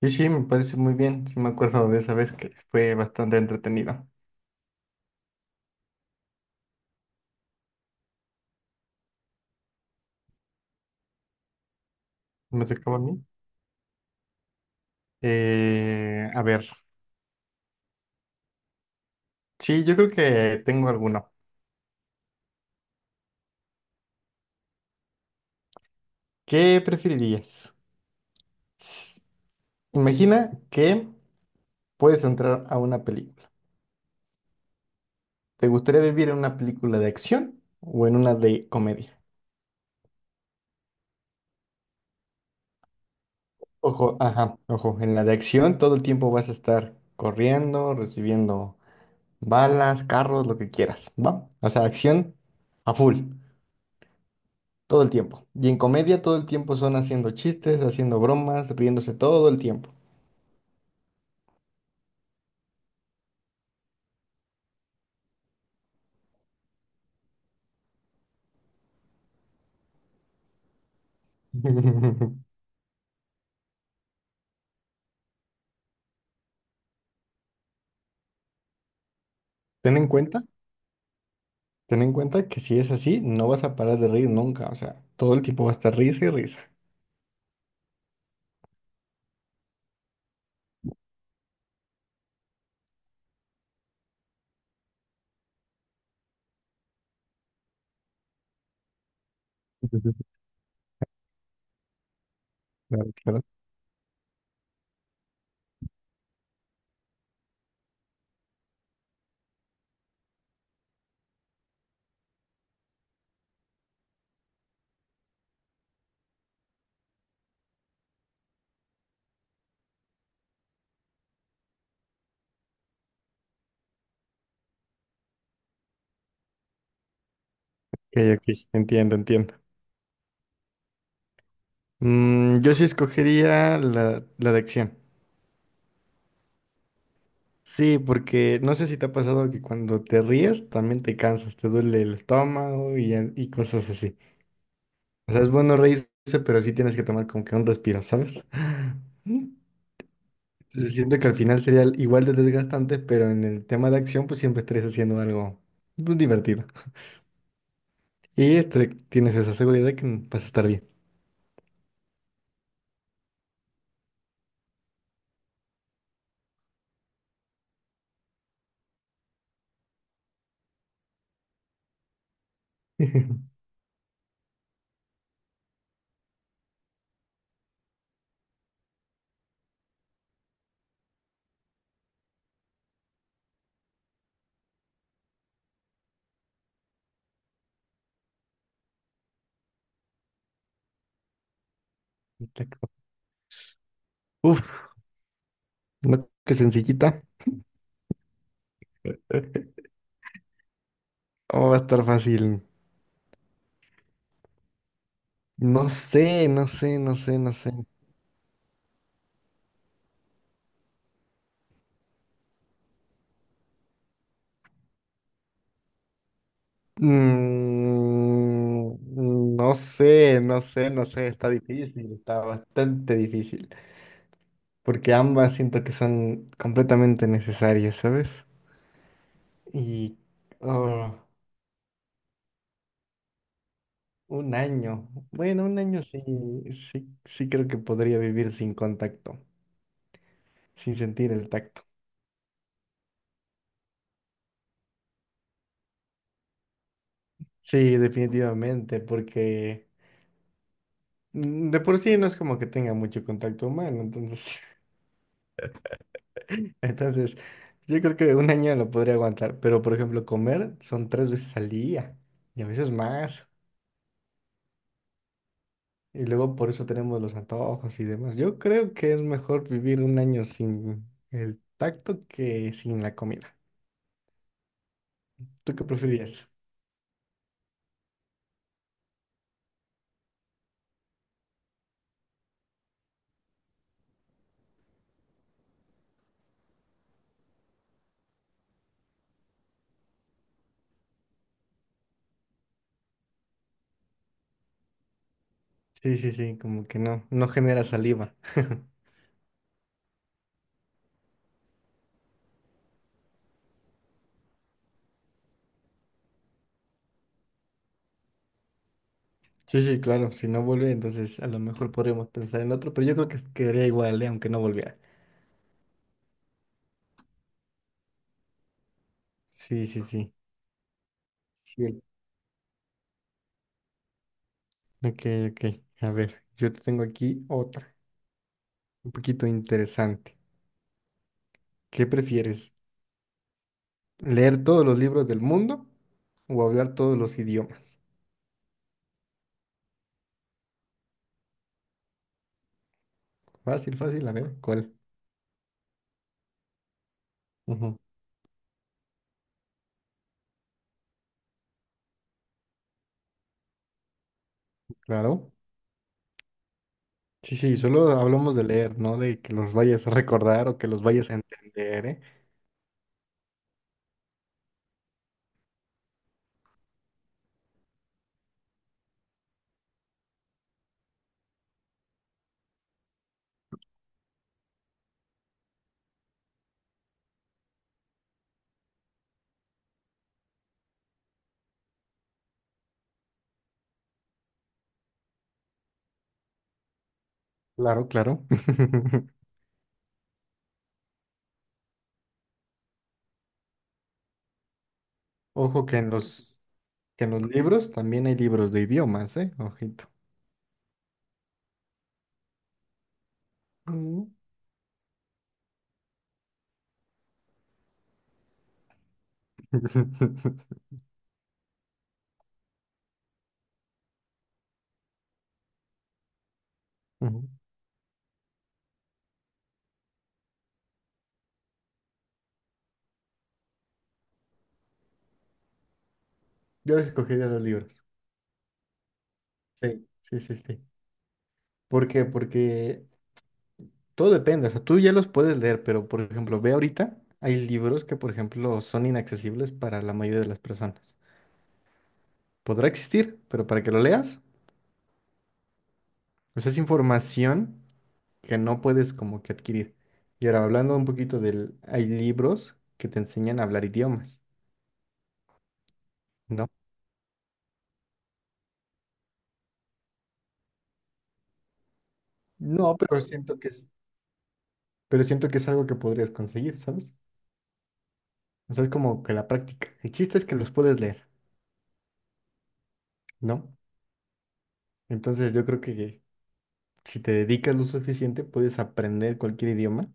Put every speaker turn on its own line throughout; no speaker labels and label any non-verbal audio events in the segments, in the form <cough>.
Sí, me parece muy bien. Sí, me acuerdo de esa vez que fue bastante entretenido. Me tocaba a mí. A ver, sí, yo creo que tengo alguno. ¿Qué preferirías? S- Imagina que puedes entrar a una película. ¿Te gustaría vivir en una película de acción o en una de comedia? Ojo, ajá, ojo, en la de acción todo el tiempo vas a estar corriendo, recibiendo balas, carros, lo que quieras, ¿va? O sea, acción a full. Todo el tiempo. Y en comedia todo el tiempo son haciendo chistes, haciendo bromas, riéndose todo el tiempo. <laughs> Ten en cuenta, ten en cuenta que si es así, no vas a parar de reír nunca. O sea, todo el tiempo va a estar risa y risa. <laughs> Claro, claro. Ok, ok. Entiendo, entiendo. Mm, yo sí escogería la de acción. Sí, porque no sé si te ha pasado que cuando te ríes también te cansas, te duele el estómago y cosas así. O sea, es bueno reírse, pero sí tienes que tomar como que un respiro, ¿sabes? <gasps> Entonces siento que al final sería igual de desgastante, pero en el tema de acción pues siempre estarías haciendo algo pues, divertido. Y este, tienes esa seguridad de que vas a estar bien. <laughs> Exacto. Uf, no, qué sencillita. <laughs> ¿Cómo va a estar fácil? No sé, no sé, no sé, no sé. Mm, no sé, no sé, no sé. Está difícil, está bastante difícil. Porque ambas siento que son completamente necesarias, ¿sabes? Y... oh. Un año. Bueno, un año sí, sí, sí creo que podría vivir sin contacto, sin sentir el tacto. Sí, definitivamente, porque mm, de por sí no es como que tenga mucho contacto humano, entonces, <laughs> entonces yo creo que un año lo podría aguantar, pero por ejemplo, comer son 3 veces al día y a veces más, y luego por eso tenemos los antojos y demás. Yo creo que es mejor vivir un año sin el tacto que sin la comida. ¿Tú qué preferirías? Sí, sí, sí, como que no, no genera saliva. <laughs> Sí, sí, claro, si no vuelve, entonces a lo mejor podríamos pensar en otro, pero yo creo que quedaría igual, ¿eh? Aunque no volviera. Sí, sí, sí. Sí. Ok, ok. A ver, yo te tengo aquí otra, un poquito interesante. ¿Qué prefieres? ¿Leer todos los libros del mundo o hablar todos los idiomas? Fácil, fácil, a ver, ¿cuál? Ujú. Claro. Sí, sí, solo hablamos de leer, no de que los vayas a recordar o que los vayas a entender, ¿eh? Claro, claro. <laughs> Ojo que que en los libros también hay libros de idiomas, ¿eh? Ojito. Mm. <laughs> Ujú. Yo escogería los libros. Sí, sí, sí, sí. ¿Por qué? Porque todo depende. O sea, tú ya los puedes leer, pero por ejemplo, ve ahorita, hay libros que, por ejemplo, son inaccesibles para la mayoría de las personas. Podrá existir, pero para que lo leas, pues es información que no puedes como que adquirir. Y ahora hablando un poquito del, hay libros que te enseñan a hablar idiomas, ¿no? No, pero siento que es, pero siento que es algo que podrías conseguir, ¿sabes? O sea, es como que la práctica. El chiste es que los puedes leer, ¿no? Entonces yo creo que si te dedicas lo suficiente, puedes aprender cualquier idioma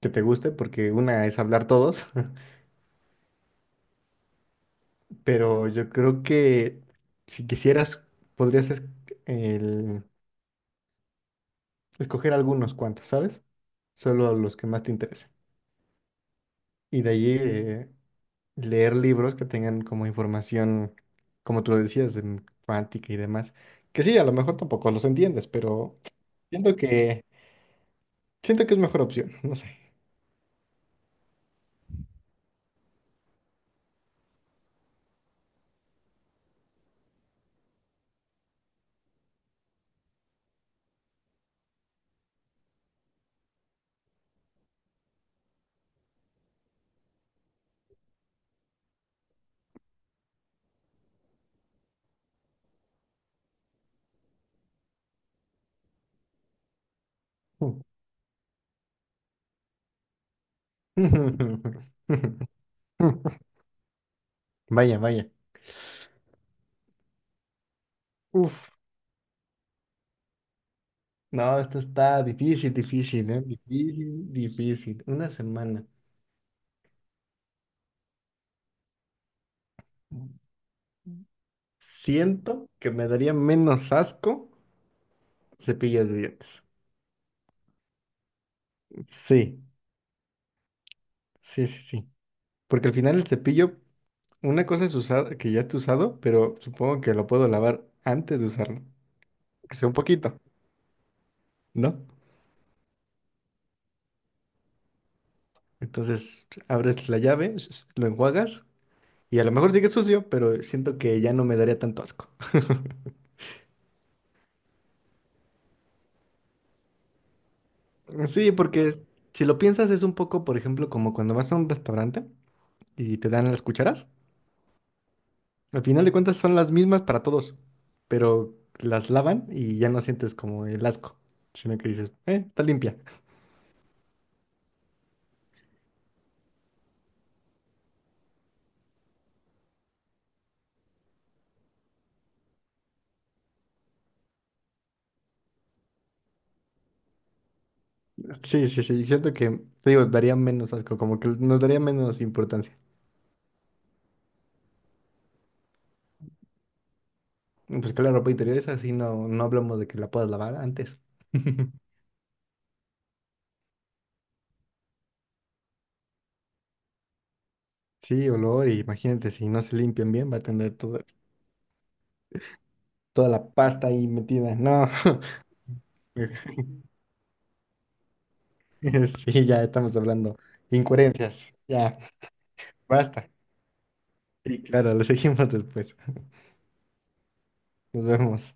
que te guste, porque una es hablar todos, <laughs> pero yo creo que si quisieras, podrías el- escoger algunos cuantos, ¿sabes? Solo los que más te interesen. Y de allí, leer libros que tengan como información, como tú lo decías, de cuántica y demás. Que sí, a lo mejor tampoco los entiendes, pero siento que siento que es mejor opción, no sé. <laughs> Vaya, vaya. Uf, no, esto está difícil, difícil, ¿eh? Difícil, difícil. Una semana. Siento que me daría menos asco cepillas de dientes. Sí, sí, sí, sí. Porque al final el cepillo, una cosa es usar, que ya esté usado, pero supongo que lo puedo lavar antes de usarlo. Que sea un poquito, ¿no? Entonces abres la llave, lo enjuagas y a lo mejor sigue sucio, pero siento que ya no me daría tanto asco. <laughs> Sí, porque si lo piensas es un poco, por ejemplo, como cuando vas a un restaurante y te dan las cucharas. Al final de cuentas son las mismas para todos, pero las lavan y ya no sientes como el asco, sino que dices, está limpia. Sí, sí, sí. Siento que, te digo, daría menos asco, como que nos daría menos importancia. Y pues que la ropa interior es así, no, no hablamos de que la puedas lavar antes. <laughs> Sí, olor, y imagínate, si no se limpian bien, va a tener toda la pasta ahí metida. No. <laughs> Sí, ya estamos hablando. Incoherencias. Ya, basta. Y claro, lo seguimos después. Nos vemos.